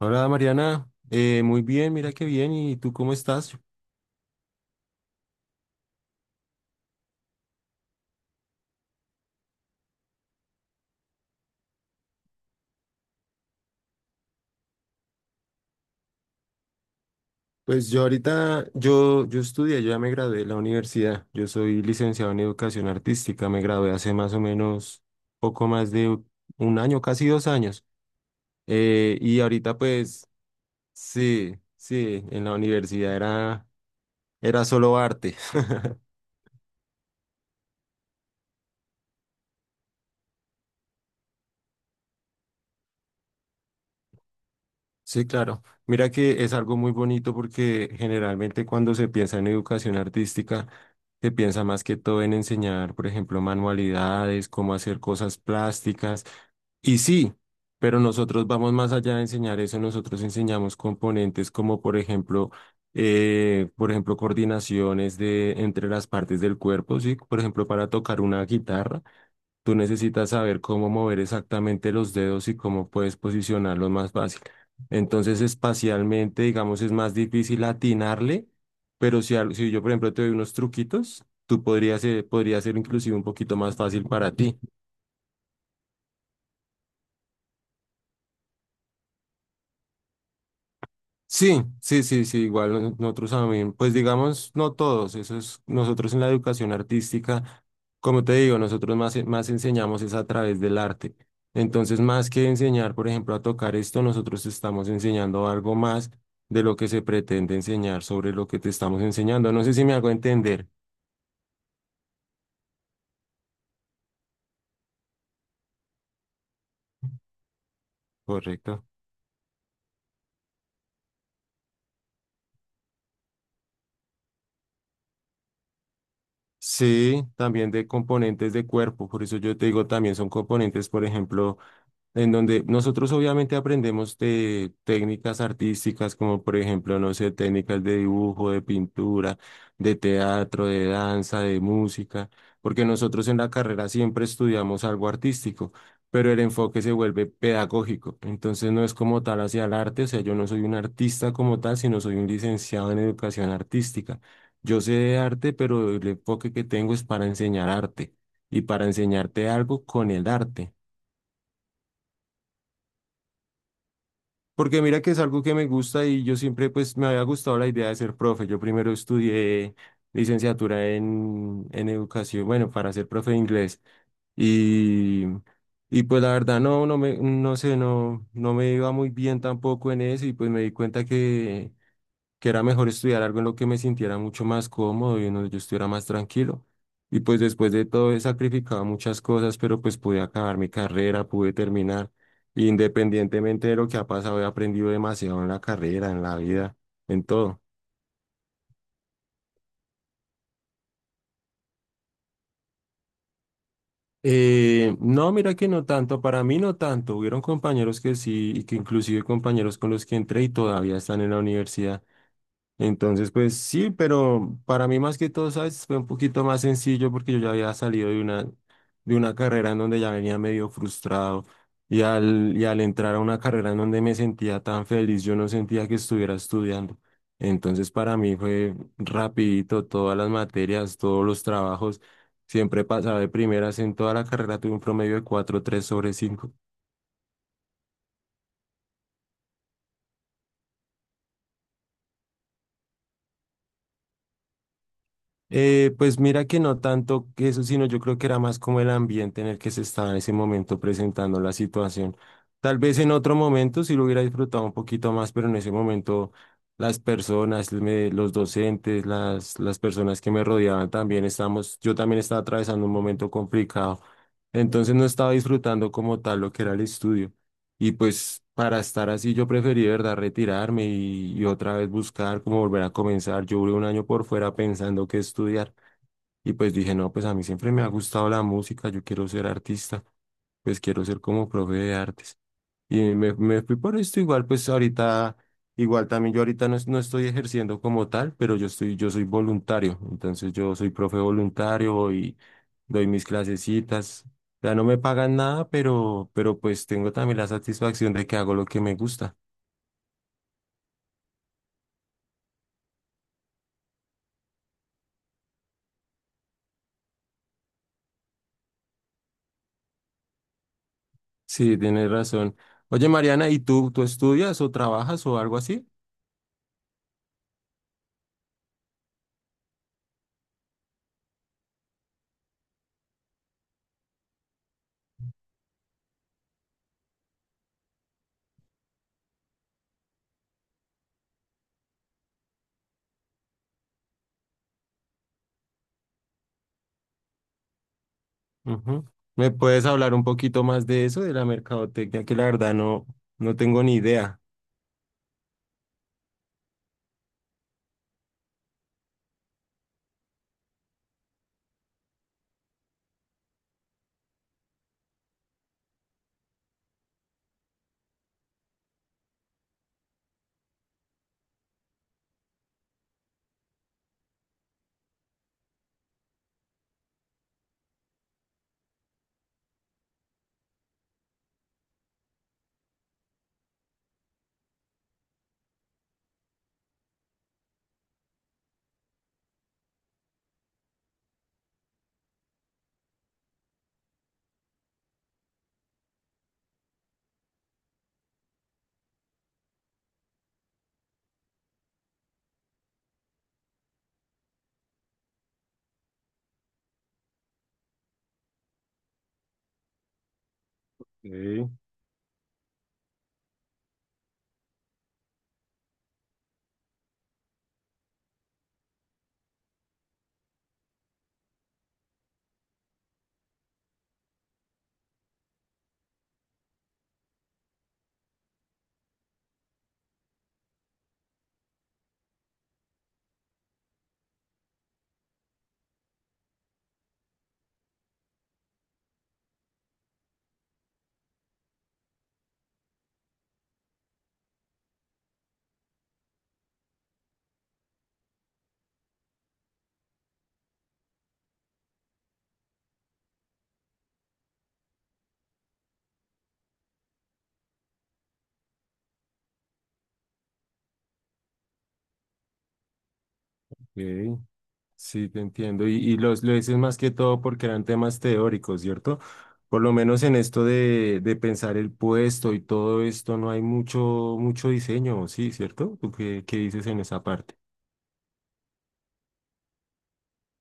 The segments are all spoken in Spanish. Hola Mariana, muy bien, mira qué bien, ¿y tú cómo estás? Pues yo ahorita, yo estudié, yo ya me gradué de la universidad, yo soy licenciado en educación artística, me gradué hace más o menos poco más de un año, casi dos años. Y ahorita pues sí, sí, en la universidad era, era solo arte. Sí, claro. Mira que es algo muy bonito porque generalmente cuando se piensa en educación artística, se piensa más que todo en enseñar, por ejemplo, manualidades, cómo hacer cosas plásticas. Y sí, pero nosotros vamos más allá de enseñar eso, nosotros enseñamos componentes como, por ejemplo, coordinaciones de entre las partes del cuerpo, sí, por ejemplo, para tocar una guitarra. Tú necesitas saber cómo mover exactamente los dedos y cómo puedes posicionarlos más fácil. Entonces, espacialmente, digamos, es más difícil atinarle, pero si yo, por ejemplo, te doy unos truquitos, podría ser inclusive un poquito más fácil para ti. Sí, sí, sí, sí, igual nosotros también, pues digamos, no todos, eso es, nosotros en la educación artística, como te digo, más enseñamos es a través del arte. Entonces, más que enseñar, por ejemplo, a tocar esto, nosotros estamos enseñando algo más de lo que se pretende enseñar sobre lo que te estamos enseñando. No sé si me hago entender, correcto. Sí, también de componentes de cuerpo, por eso yo te digo, también son componentes, por ejemplo, en donde nosotros obviamente aprendemos de técnicas artísticas, como por ejemplo, no sé, técnicas de dibujo, de pintura, de teatro, de danza, de música, porque nosotros en la carrera siempre estudiamos algo artístico, pero el enfoque se vuelve pedagógico, entonces no es como tal hacia el arte, o sea, yo no soy un artista como tal, sino soy un licenciado en educación artística. Yo sé de arte, pero el enfoque que tengo es para enseñar arte y para enseñarte algo con el arte. Porque mira que es algo que me gusta y yo siempre pues me había gustado la idea de ser profe. Yo primero estudié licenciatura en educación, bueno, para ser profe de inglés. Y, y pues la verdad no, no me, no sé, no, no me iba muy bien tampoco en eso y pues me di cuenta que era mejor estudiar algo en lo que me sintiera mucho más cómodo y en donde yo estuviera más tranquilo. Y pues después de todo he sacrificado muchas cosas, pero pues pude acabar mi carrera, pude terminar. Y, independientemente de lo que ha pasado, he aprendido demasiado en la carrera, en la vida, en todo. No, mira que no tanto, para mí no tanto. Hubieron compañeros que sí, y que inclusive compañeros con los que entré y todavía están en la universidad. Entonces, pues sí, pero para mí más que todo, ¿sabes? Fue un poquito más sencillo porque yo ya había salido de una carrera en donde ya venía medio frustrado y y al entrar a una carrera en donde me sentía tan feliz, yo no sentía que estuviera estudiando. Entonces, para mí fue rapidito todas las materias, todos los trabajos. Siempre pasaba de primeras en toda la carrera, tuve un promedio de 4,3 sobre 5. Pues mira que no tanto que eso, sino yo creo que era más como el ambiente en el que se estaba en ese momento presentando la situación. Tal vez en otro momento sí lo hubiera disfrutado un poquito más, pero en ese momento las personas, los docentes, las personas que me rodeaban también estábamos, yo también estaba atravesando un momento complicado. Entonces no estaba disfrutando como tal lo que era el estudio. Y pues para estar así yo preferí, de verdad, retirarme y otra vez buscar cómo volver a comenzar. Yo duré un año por fuera pensando qué estudiar y pues dije, no, pues a mí siempre me ha gustado la música, yo quiero ser artista, pues quiero ser como profe de artes. Me fui por esto igual, pues ahorita, igual también yo ahorita no estoy ejerciendo como tal, pero yo estoy, yo soy voluntario, entonces yo soy profe voluntario y doy mis clasecitas. Ya no me pagan nada, pero pues tengo también la satisfacción de que hago lo que me gusta. Sí, tienes razón. Oye, Mariana, ¿y tú estudias o trabajas o algo así? Ujú. ¿Me puedes hablar un poquito más de eso, de la mercadotecnia, que la verdad no, no tengo ni idea? Ok, ok. Sí, te entiendo. Y los, lo dices más que todo porque eran temas teóricos, ¿cierto? Por lo menos en esto de pensar el puesto y todo esto, no hay mucho, mucho diseño, sí, ¿cierto? ¿Tú qué, qué dices en esa parte?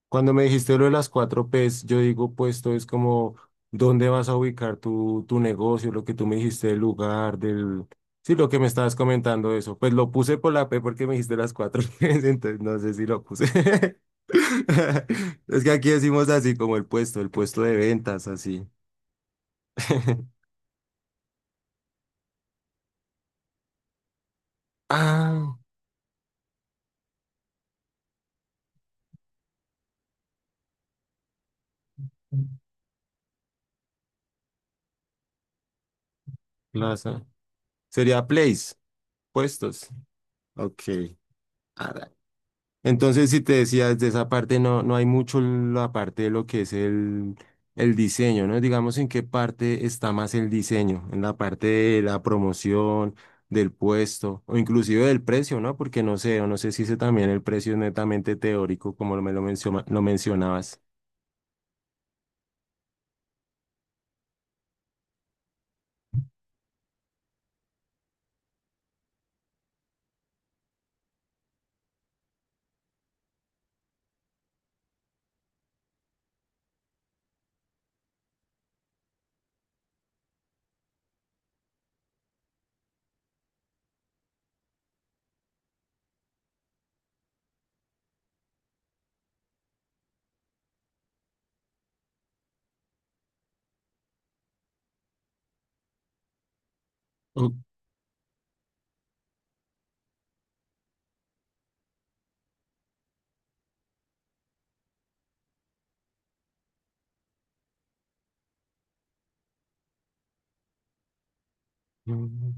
Cuando me dijiste lo de las 4 P's, yo digo, pues todo es como, ¿dónde vas a ubicar tu negocio? Lo que tú me dijiste del lugar, del... Sí, lo que me estabas comentando eso. Pues lo puse por la P porque me dijiste las 4 P's, entonces no sé si lo puse. Es que aquí decimos así como el puesto de ventas, así. Ah, plaza. Sería place, puestos. Ok. Entonces, si te decías de esa parte, no, no hay mucho la parte de lo que es el diseño, ¿no? Digamos, ¿en qué parte está más el diseño? En la parte de la promoción, del puesto, o inclusive del precio, ¿no? Porque no sé, o no sé si ese también el precio es netamente teórico, como lo mencionabas. O- mm,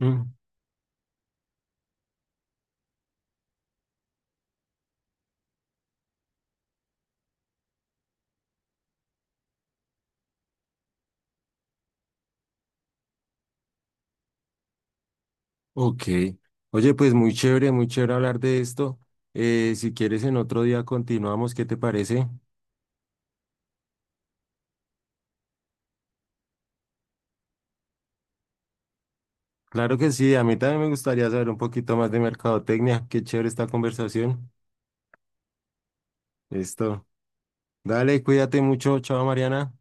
mm, Ok. Oye, pues muy chévere hablar de esto. Si quieres, en otro día continuamos, ¿qué te parece? Claro que sí, a mí también me gustaría saber un poquito más de mercadotecnia. Qué chévere esta conversación. Listo. Dale, cuídate mucho. Chao, Mariana.